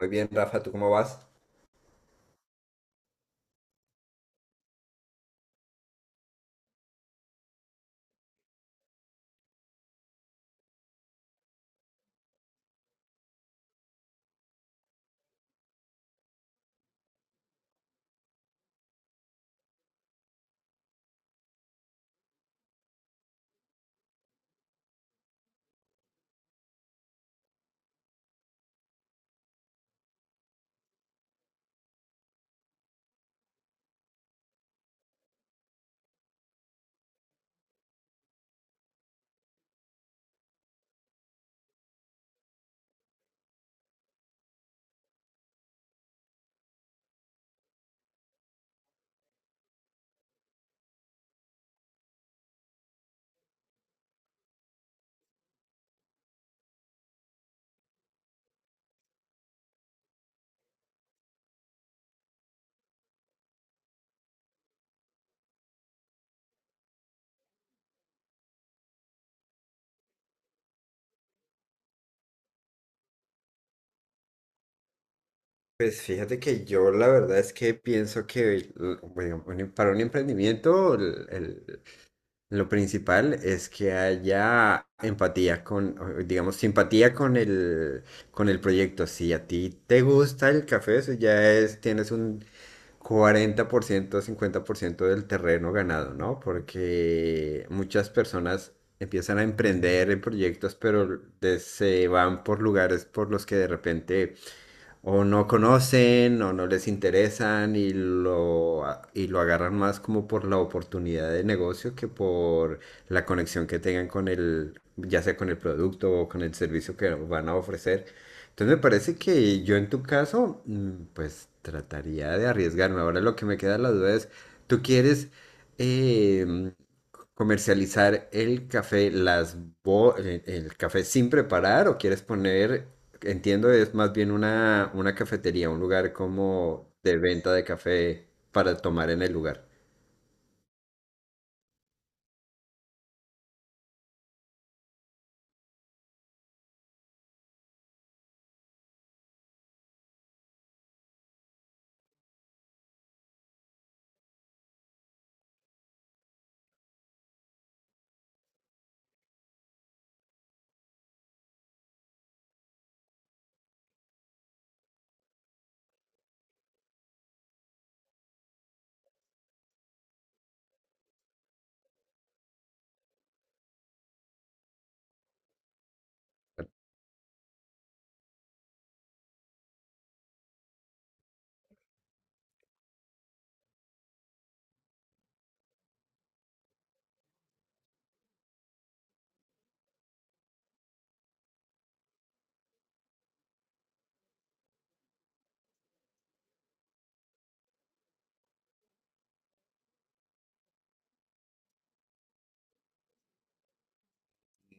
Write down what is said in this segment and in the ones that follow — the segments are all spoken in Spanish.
Muy bien, Rafa, ¿tú cómo vas? Pues fíjate que yo la verdad es que pienso que para un emprendimiento lo principal es que haya empatía, digamos, simpatía con con el proyecto. Si a ti te gusta el café, eso ya es, tienes un 40% 50% del terreno ganado, ¿no? Porque muchas personas empiezan a emprender en proyectos, pero se van por lugares por los que de repente o no conocen o no les interesan y y lo agarran más como por la oportunidad de negocio que por la conexión que tengan con el, ya sea con el producto o con el servicio que van a ofrecer. Entonces me parece que yo en tu caso, pues trataría de arriesgarme. Ahora lo que me queda la duda es, ¿tú quieres... em, comercializar el café, el café sin preparar, o quieres poner, entiendo, es más bien una cafetería, un lugar como de venta de café para tomar en el lugar.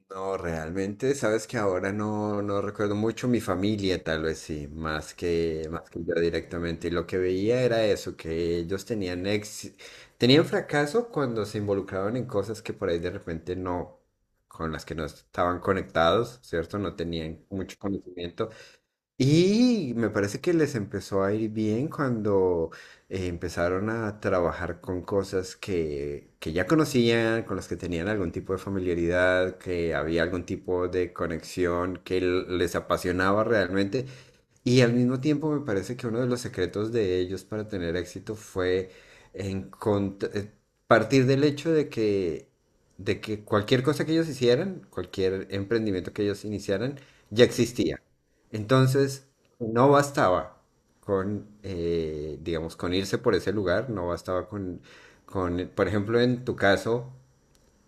No, realmente, sabes que ahora no recuerdo mucho mi familia, tal vez sí, más que yo directamente. Y lo que veía era eso, que ellos tenían fracaso cuando se involucraban en cosas que por ahí de repente no, con las que no estaban conectados, ¿cierto? No tenían mucho conocimiento. Y me parece que les empezó a ir bien cuando empezaron a trabajar con cosas que ya conocían, con las que tenían algún tipo de familiaridad, que había algún tipo de conexión que les apasionaba realmente. Y al mismo tiempo me parece que uno de los secretos de ellos para tener éxito fue encont- eh, partir del hecho de que, cualquier cosa que ellos hicieran, cualquier emprendimiento que ellos iniciaran, ya existía. Entonces, no bastaba digamos, con irse por ese lugar, no bastaba por ejemplo, en tu caso,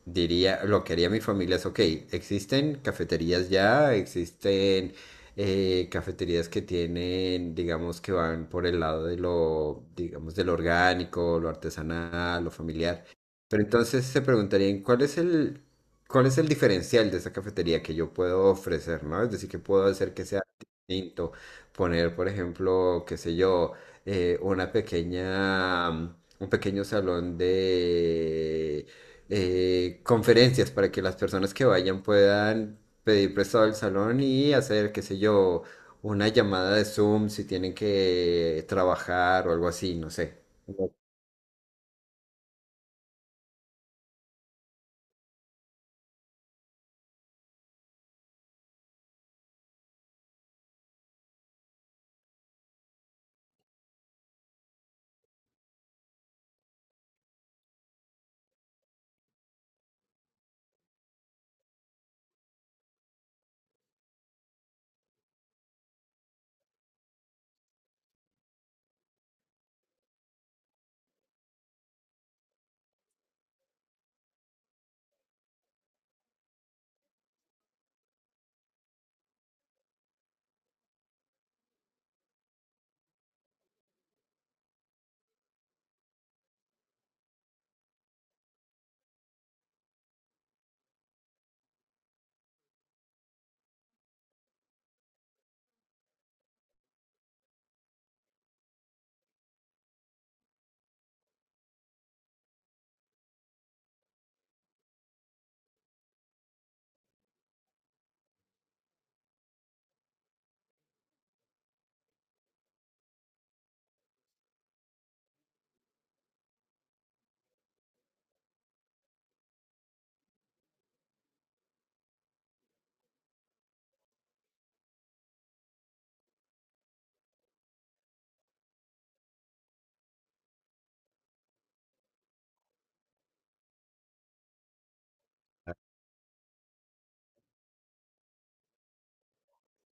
diría, lo que haría mi familia es: ok, existen cafeterías ya, existen cafeterías que tienen, digamos, que van por el lado de lo, digamos, de lo orgánico, lo artesanal, lo familiar. Pero entonces se preguntarían: ¿cuál es el diferencial de esa cafetería que yo puedo ofrecer? ¿No? Es decir, que puedo hacer que sea distinto? Poner, por ejemplo, qué sé yo, una un pequeño salón de conferencias, para que las personas que vayan puedan pedir prestado el salón y hacer, qué sé yo, una llamada de Zoom si tienen que trabajar o algo así, no sé. Ujú.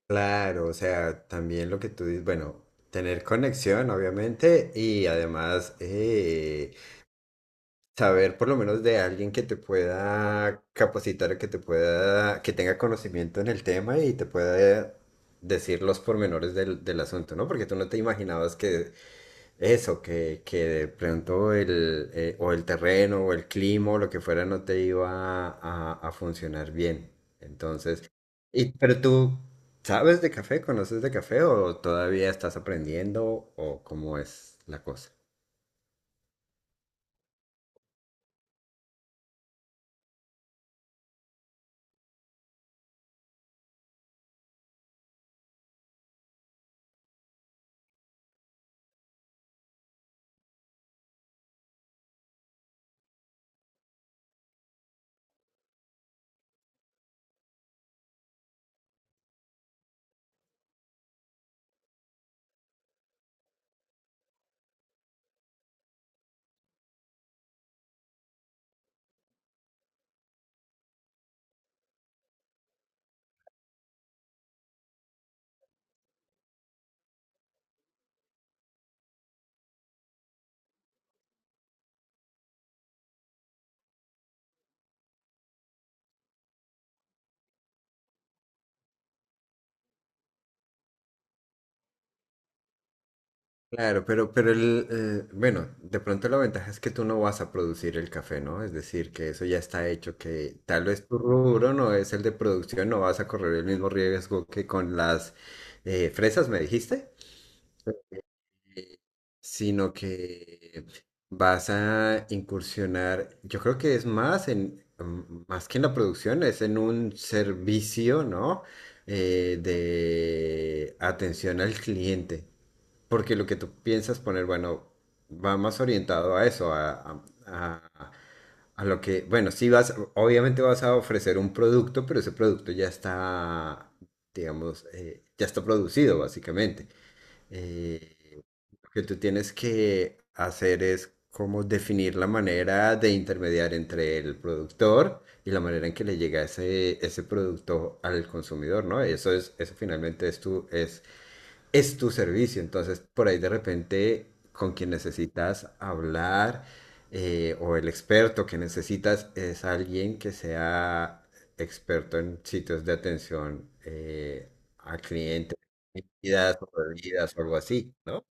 Claro, o sea, también lo que tú dices, bueno, tener conexión, obviamente, y además saber por lo menos de alguien que te pueda capacitar, que te pueda, que tenga conocimiento en el tema y te pueda decir los pormenores del asunto, ¿no? Porque tú no te imaginabas que de pronto o el terreno o el clima o lo que fuera no te iba a funcionar bien. Entonces, y, pero tú, ¿sabes de café? ¿Conoces de café o todavía estás aprendiendo o cómo es la cosa? Claro, pero bueno, de pronto la ventaja es que tú no vas a producir el café, ¿no? Es decir, que eso ya está hecho, que tal vez tu rubro no es el de producción, no vas a correr el mismo riesgo que con las fresas, me dijiste. Sino que vas a incursionar, yo creo que es más más que en la producción, es en un servicio, ¿no? De atención al cliente, porque lo que tú piensas poner, bueno, va más orientado a eso, a lo que, bueno, sí vas, obviamente vas a ofrecer un producto, pero ese producto ya está, digamos, ya está producido, básicamente. Eh, lo que tú tienes que hacer es como definir la manera de intermediar entre el productor y la manera en que le llega ese producto al consumidor, ¿no? Eso es, eso finalmente es tu servicio. Entonces, por ahí de repente, con quien necesitas hablar, o el experto que necesitas es alguien que sea experto en sitios de atención al cliente, comidas o bebidas o algo así, ¿no?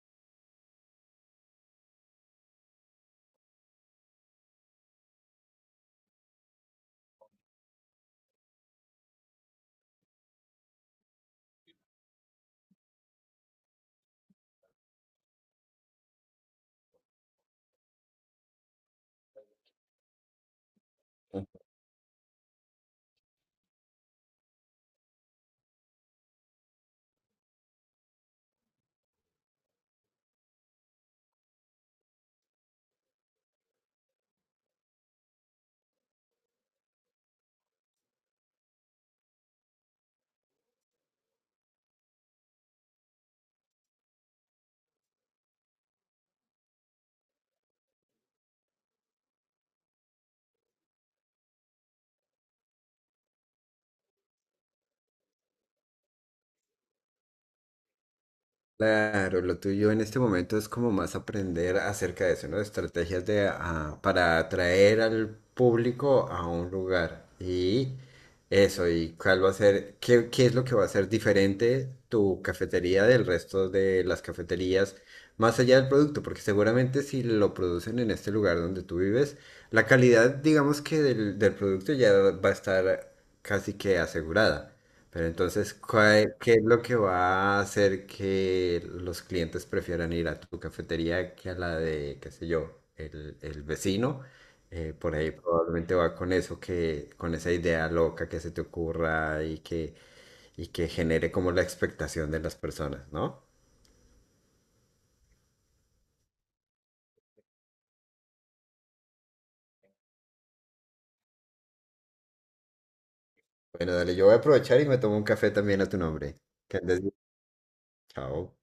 Claro, lo tuyo en este momento es como más aprender acerca de eso, ¿no? Estrategias para atraer al público a un lugar. Y eso, y cuál va a ser, qué es lo que va a ser diferente tu cafetería del resto de las cafeterías, más allá del producto, porque seguramente si lo producen en este lugar donde tú vives, la calidad, digamos que del producto ya va a estar casi que asegurada. Pero entonces, ¿qué es lo que va a hacer que los clientes prefieran ir a tu cafetería que a la de, qué sé yo, el vecino? Por ahí probablemente va con eso, que, con esa idea loca que se te ocurra y que genere como la expectación de las personas, ¿no? Bueno, dale, yo voy a aprovechar y me tomo un café también a tu nombre. Que andes bien. Chao.